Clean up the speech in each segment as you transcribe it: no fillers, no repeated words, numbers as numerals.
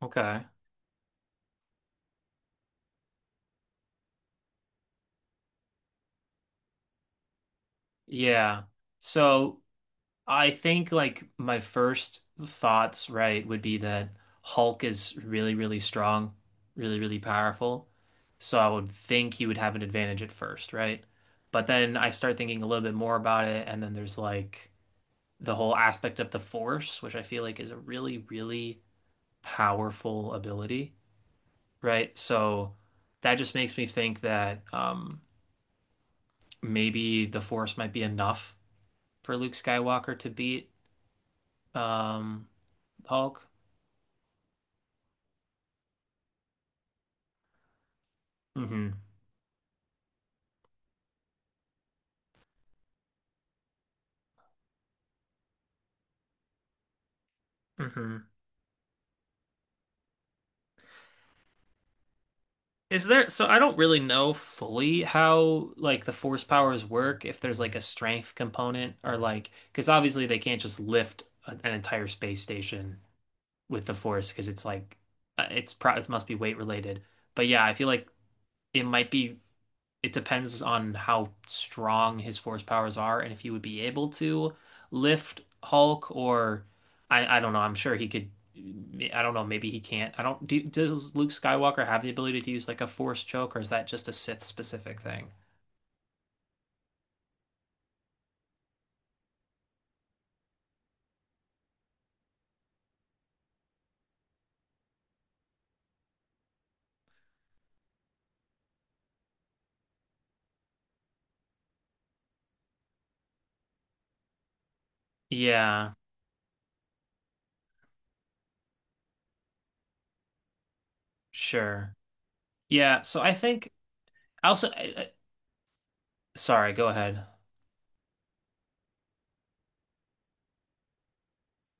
Okay. Yeah. So I think, like, my first thoughts, right, would be that Hulk is really, really strong, really, really powerful. So I would think he would have an advantage at first, right? But then I start thinking a little bit more about it, and then there's like the whole aspect of the Force, which I feel like is a really, really powerful ability, right? So that just makes me think that maybe the Force might be enough for Luke Skywalker to beat um Hulk. hmm hmm Is there, so I don't really know fully how like the force powers work, if there's like a strength component or like, because obviously they can't just lift an entire space station with the force because it's like, it's pro it must be weight related. But yeah, I feel like it might be it depends on how strong his force powers are and if he would be able to lift Hulk or I don't know. I'm sure he could. I don't know. Maybe he can't. I don't. Do, does Luke Skywalker have the ability to use like a force choke, or is that just a Sith specific thing? Yeah, sure. Yeah. So I think also. I sorry. Go ahead.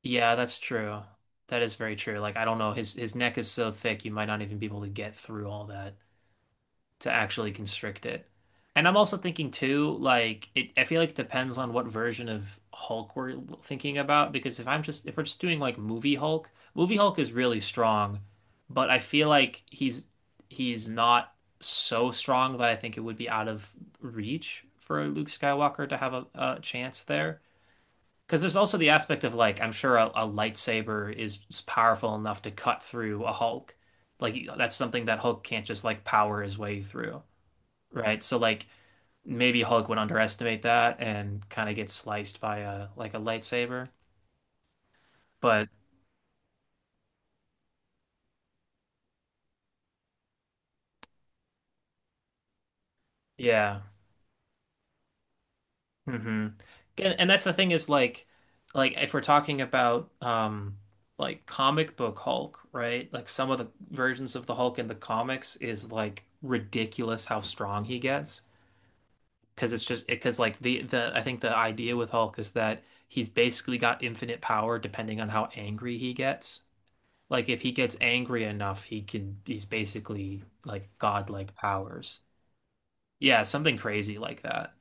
Yeah, that's true. That is very true. Like, I don't know. His neck is so thick, you might not even be able to get through all that to actually constrict it. And I'm also thinking too, like, it, I feel like it depends on what version of Hulk we're thinking about. Because if we're just doing like movie Hulk is really strong, but I feel like he's not so strong that I think it would be out of reach for Luke Skywalker to have a chance there. Because there's also the aspect of like I'm sure a lightsaber is powerful enough to cut through a Hulk. Like, that's something that Hulk can't just like power his way through, right? So like maybe Hulk would underestimate that and kind of get sliced by a like a lightsaber. But yeah. hmm and that's the thing, is like if we're talking about like comic book Hulk, right? Like, some of the versions of the Hulk in the comics is like ridiculous how strong he gets, because it's just because like the I think the idea with Hulk is that he's basically got infinite power depending on how angry he gets. Like, if he gets angry enough, he's basically like godlike powers. Yeah, something crazy like that.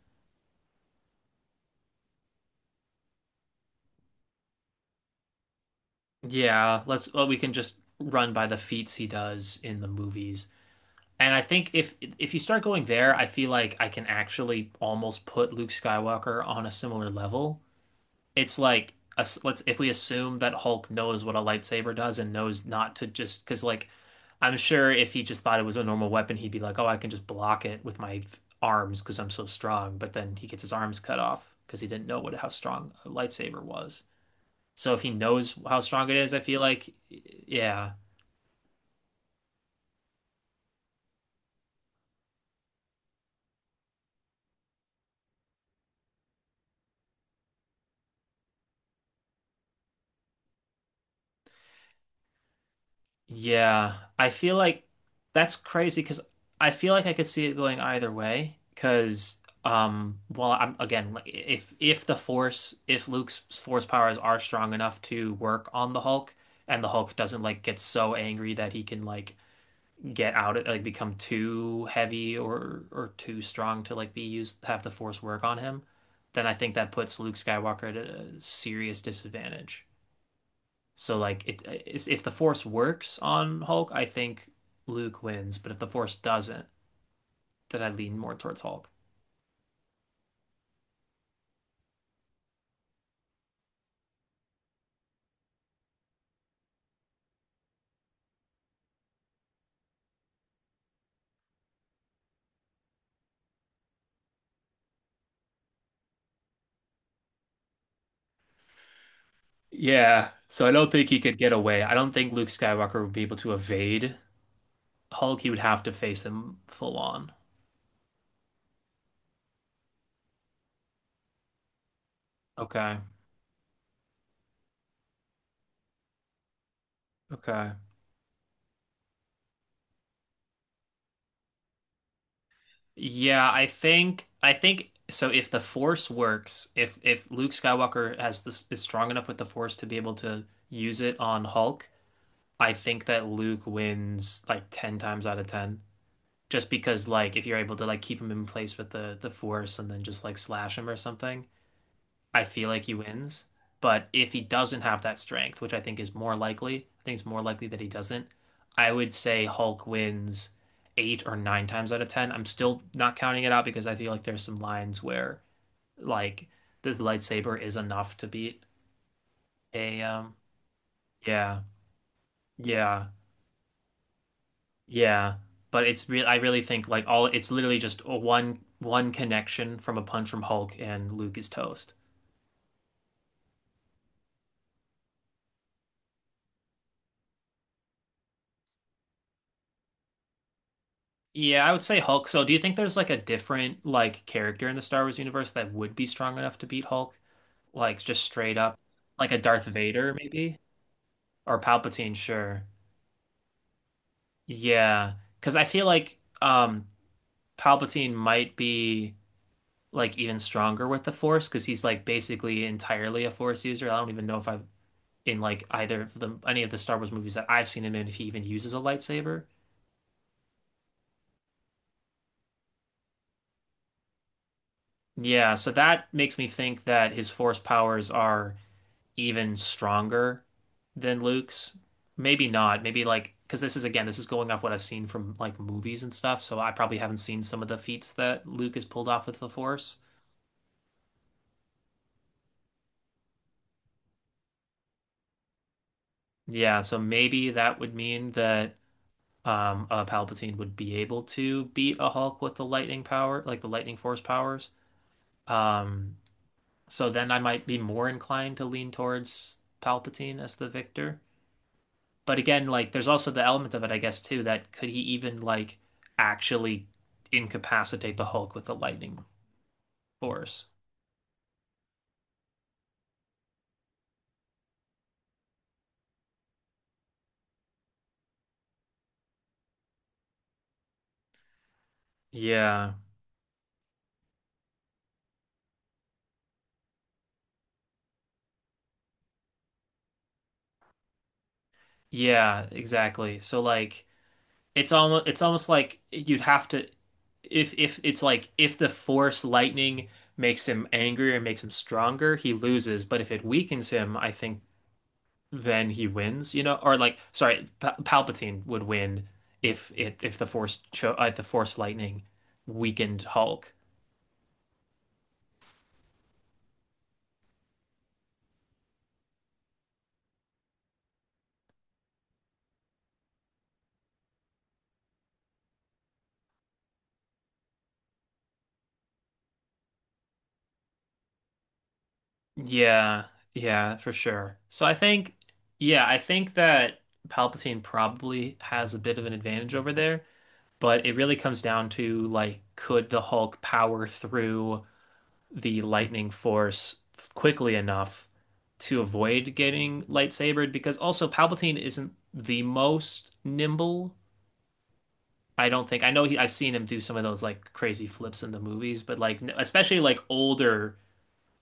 Yeah, let's well, we can just run by the feats he does in the movies. And I think if you start going there, I feel like I can actually almost put Luke Skywalker on a similar level. It's like us let's if we assume that Hulk knows what a lightsaber does and knows not to, just because like I'm sure if he just thought it was a normal weapon, he'd be like, "Oh, I can just block it with my arms because I'm so strong." But then he gets his arms cut off because he didn't know what how strong a lightsaber was. So if he knows how strong it is, I feel like, yeah. Yeah, I feel like that's crazy because I feel like I could see it going either way. Because, well, I'm again like if the force if Luke's force powers are strong enough to work on the Hulk, and the Hulk doesn't like get so angry that he can like get out of like become too heavy or too strong to like be used have the force work on him, then I think that puts Luke Skywalker at a serious disadvantage. So like it's, if the Force works on Hulk, I think Luke wins, but if the Force doesn't, then I lean more towards Hulk. Yeah, so I don't think he could get away. I don't think Luke Skywalker would be able to evade Hulk. He would have to face him full on. Okay. Okay. Yeah, I think so if the Force works, if Luke Skywalker has this is strong enough with the Force to be able to use it on Hulk, I think that Luke wins like 10 times out of 10. Just because like if you're able to like keep him in place with the force and then just like slash him or something, I feel like he wins. But if he doesn't have that strength, which I think is more likely, I think it's more likely that he doesn't. I would say Hulk wins 8 or 9 times out of 10. I'm still not counting it out because I feel like there's some lines where like this lightsaber is enough to beat a yeah, yeah. Yeah, but it's real. I really think like all it's literally just a one connection from a punch from Hulk, and Luke is toast. Yeah, I would say Hulk. So, do you think there's like a different like character in the Star Wars universe that would be strong enough to beat Hulk? Like just straight up, like a Darth Vader maybe or Palpatine? Sure. Yeah, because I feel like Palpatine might be like even stronger with the Force because he's like basically entirely a Force user. I don't even know if I in like either of the any of the Star Wars movies that I've seen him in if he even uses a lightsaber. Yeah, so that makes me think that his force powers are even stronger than Luke's. Maybe not. Maybe like because this is again, this is going off what I've seen from like movies and stuff, so I probably haven't seen some of the feats that Luke has pulled off with the force. Yeah, so maybe that would mean that a Palpatine would be able to beat a Hulk with the lightning power, like the lightning force powers. Um So then I might be more inclined to lean towards Palpatine as the victor. But again, like, there's also the element of it, I guess, too, that could he even like actually incapacitate the Hulk with the lightning force? Yeah. Yeah, exactly. So like it's almost like you'd have to if it's like if the force lightning makes him angrier and makes him stronger, he loses. But if it weakens him, I think then he wins, you know, or like, sorry, Palpatine would win if it if the Force cho if the Force lightning weakened Hulk. Yeah, yeah, for sure. So I think, yeah, I think that Palpatine probably has a bit of an advantage over there, but it really comes down to like, could the Hulk power through the lightning force quickly enough to avoid getting lightsabered? Because also Palpatine isn't the most nimble. I don't think I know he, I've seen him do some of those like crazy flips in the movies, but like especially like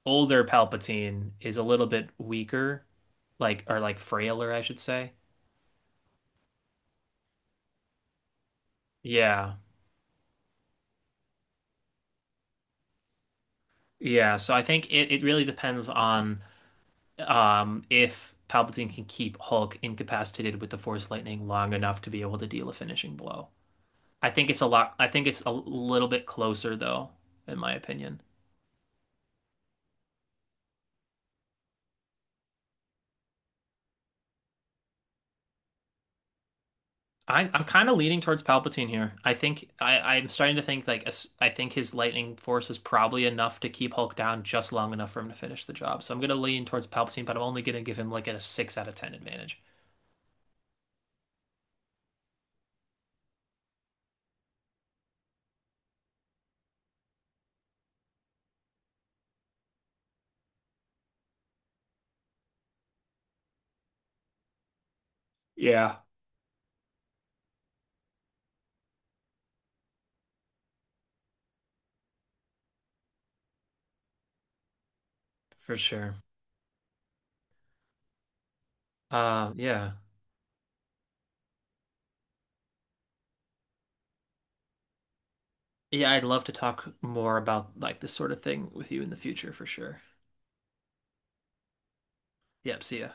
older Palpatine is a little bit weaker, like or like frailer, I should say. Yeah. Yeah, so I think it really depends on if Palpatine can keep Hulk incapacitated with the Force Lightning long enough to be able to deal a finishing blow. I think it's a lot I think it's a little bit closer though, in my opinion. I'm kind of leaning towards Palpatine here. I think I'm starting to think like I think his lightning force is probably enough to keep Hulk down just long enough for him to finish the job. So I'm gonna lean towards Palpatine, but I'm only gonna give him like a 6 out of 10 advantage. Yeah. For sure. Yeah, yeah. I'd love to talk more about like this sort of thing with you in the future for sure. Yep. See ya.